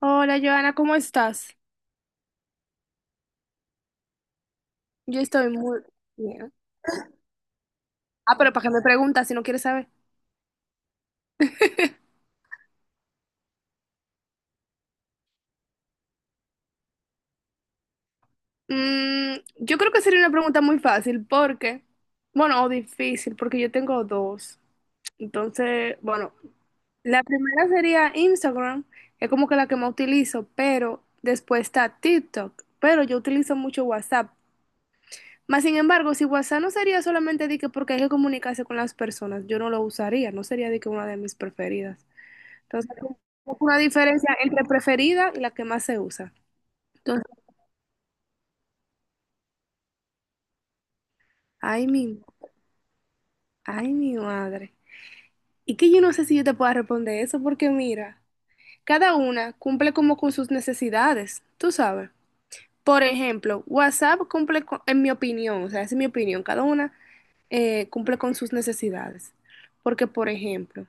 Hola, Joana, ¿cómo estás? Yo estoy muy bien. Ah, pero ¿para qué me preguntas si no quieres saber? Mm, yo creo que sería una pregunta muy fácil porque, bueno, o difícil, porque yo tengo dos. Entonces, bueno, la primera sería Instagram, es como que la que más utilizo, pero después está TikTok, pero yo utilizo mucho WhatsApp. Más sin embargo, si WhatsApp no sería solamente de que porque hay que comunicarse con las personas, yo no lo usaría, no sería de que una de mis preferidas. Entonces, como una diferencia entre preferida y la que más se usa. Entonces, ay, mi, ay, mi madre. Y que yo no sé si yo te pueda responder eso, porque mira, cada una cumple como con sus necesidades, tú sabes. Por ejemplo, WhatsApp cumple con- en mi opinión, o sea, esa es mi opinión, cada una cumple con sus necesidades. Porque, por ejemplo,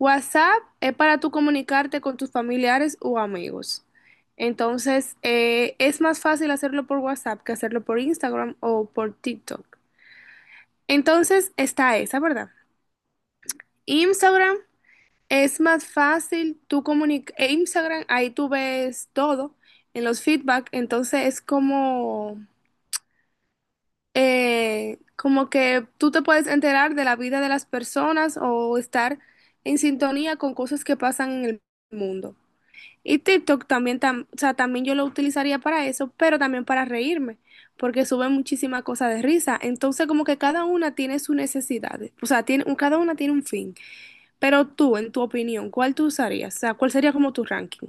WhatsApp es para tú comunicarte con tus familiares o amigos. Entonces, es más fácil hacerlo por WhatsApp que hacerlo por Instagram o por TikTok. Entonces, está esa, ¿verdad? Instagram es más fácil tú comunicar. Instagram, ahí tú ves todo en los feedback. Entonces, es como, como que tú te puedes enterar de la vida de las personas o estar en sintonía con cosas que pasan en el mundo. Y TikTok también, tam- o sea, también yo lo utilizaría para eso, pero también para reírme, porque suben muchísimas cosas de risa. Entonces, como que cada una tiene sus necesidades, o sea, tiene, un- cada una tiene un fin. Pero tú, en tu opinión, ¿cuál tú usarías? O sea, ¿cuál sería como tu ranking?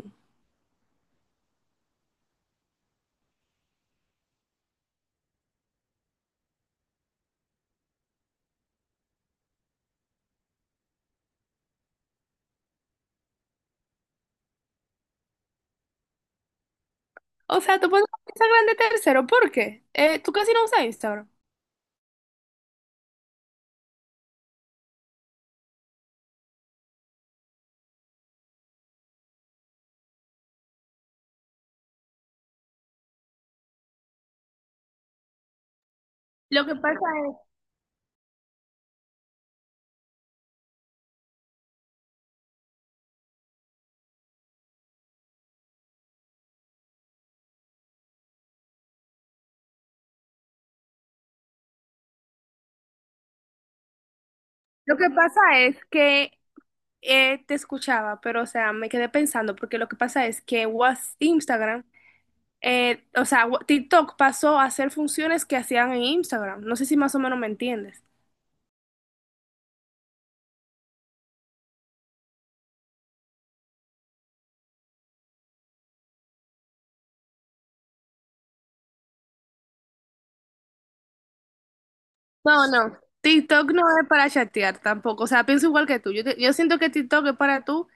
O sea, tú pones Instagram de tercero, ¿por qué? Tú casi no usas Instagram. Lo que pasa es, Lo que pasa es que te escuchaba, pero o sea, me quedé pensando, porque lo que pasa es que WhatsApp, Instagram o sea, wa- TikTok pasó a hacer funciones que hacían en Instagram. No sé si más o menos me entiendes. No, no. TikTok no es para chatear tampoco. O sea, pienso igual que tú. Yo, te- yo siento que TikTok es para tú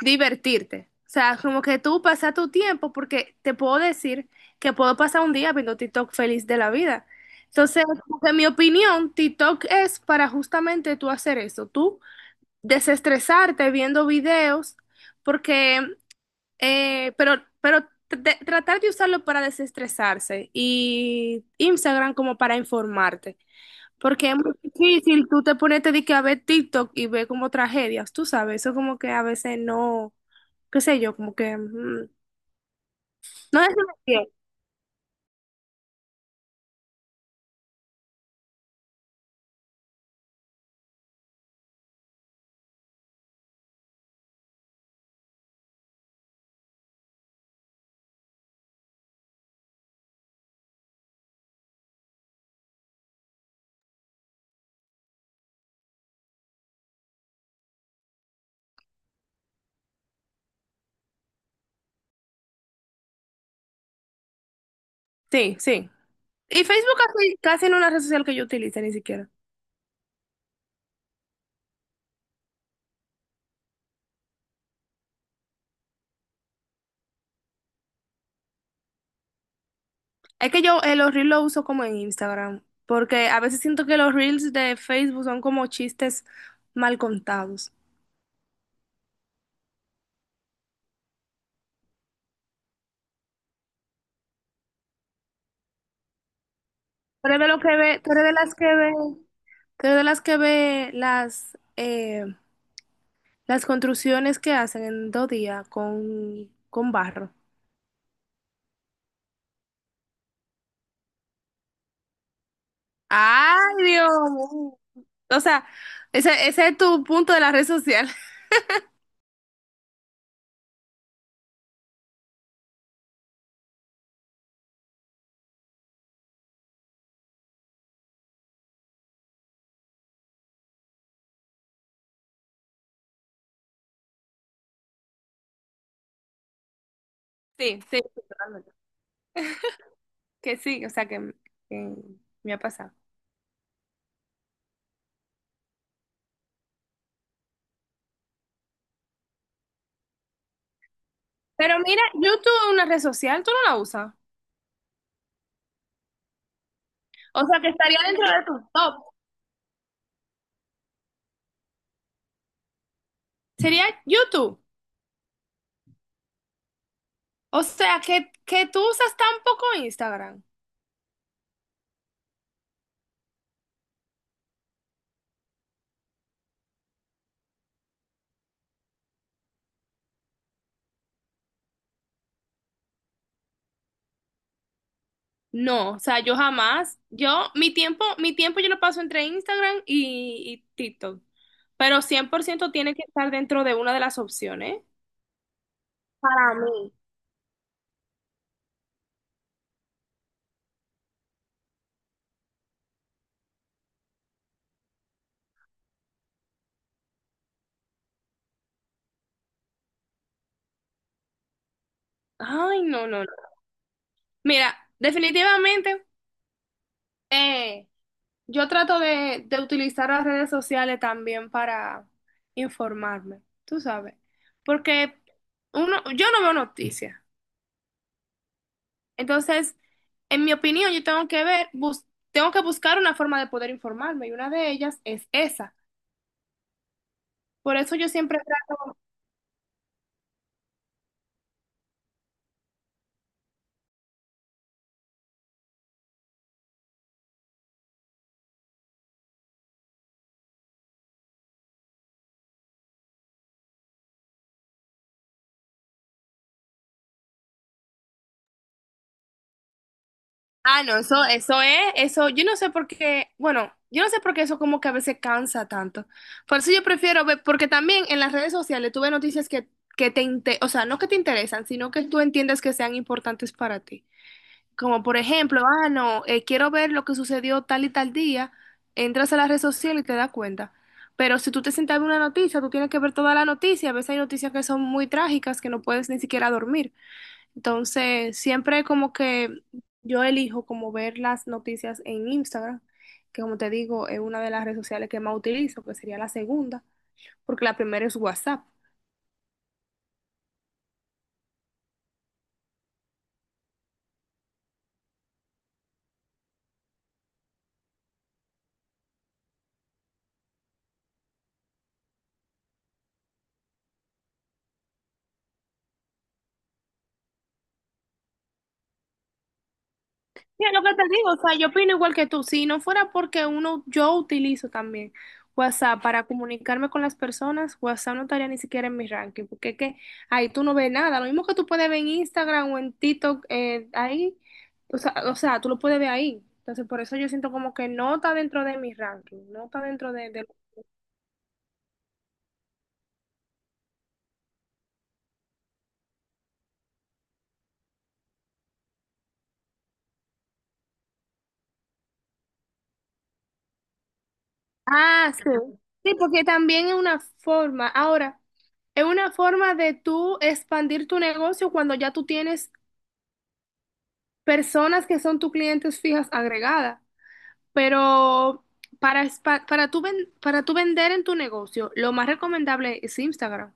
divertirte. O sea, como que tú pasas tu tiempo porque te puedo decir que puedo pasar un día viendo TikTok feliz de la vida. Entonces, como que en mi opinión, TikTok es para justamente tú hacer eso, tú desestresarte viendo videos, porque pero, pero tr- tratar de usarlo para desestresarse y Instagram como para informarte. Porque es muy difícil tú te ponerte de que a ver TikTok y ver como tragedias, tú sabes, eso como que a veces no, qué sé yo, no es bien. Sí, sí. Y Facebook casi, casi no es una red social que yo utilice ni siquiera. Es que yo los Reels los uso como en Instagram, porque a veces siento que los Reels de Facebook son como chistes mal contados. Tú eres de lo que ve, tú eres de las que ve, tú eres de las que ve las construcciones que hacen en dos días con barro. Ay, Dios mío. O sea, ese es tu punto de la red social. Sí, sí, sí, totalmente. Que sí, o sea que Me ha pasado. Pero mira, YouTube es una red social, tú no la usas. O sea que estaría dentro de tu top. Sería YouTube. O sea que tú usas tan poco Instagram. No, o sea, yo jamás, yo, mi tiempo yo lo paso entre Instagram y TikTok, pero 100% tiene que estar dentro de una de las opciones. Para mí. Ay, no, no, no. Mira, definitivamente, eh, yo trato de utilizar las redes sociales también para informarme, tú sabes, porque uno, yo no veo noticias. Entonces, en mi opinión, yo tengo que ver, bus- tengo que buscar una forma de poder informarme y una de ellas es esa. Por eso yo siempre trato, ah, no, eso es, eso, yo no sé por qué, bueno, yo no sé por qué eso como que a veces cansa tanto. Por eso yo prefiero ver, porque también en las redes sociales tuve noticias que te, inte- o sea, no que te interesan, sino que tú entiendes que sean importantes para ti. Como por ejemplo, ah, no, quiero ver lo que sucedió tal y tal día, entras a la red social y te das cuenta. Pero si tú te sientas a ver una noticia, tú tienes que ver toda la noticia. A veces hay noticias que son muy trágicas que no puedes ni siquiera dormir. Entonces, siempre como que yo elijo como ver las noticias en Instagram, que como te digo, es una de las redes sociales que más utilizo, que sería la segunda, porque la primera es WhatsApp. Mira, lo que te digo, o sea, yo opino igual que tú. Si no fuera porque uno, yo utilizo también WhatsApp para comunicarme con las personas, WhatsApp no estaría ni siquiera en mi ranking, porque es que ahí tú no ves nada. Lo mismo que tú puedes ver en Instagram o en TikTok, ahí, o sea, tú lo puedes ver ahí. Entonces, por eso yo siento como que no está dentro de mi ranking, no está dentro de- Ah, sí. Sí, porque también es una forma, ahora, es una forma de tú expandir tu negocio cuando ya tú tienes personas que son tus clientes fijas agregadas, pero para, espa- para, tú ven- para tú vender en tu negocio, lo más recomendable es Instagram.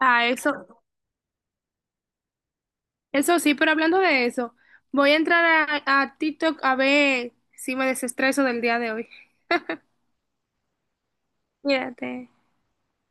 Ah, eso sí, pero hablando de eso, voy a entrar a TikTok a ver si me desestreso del día de hoy. Cuídate.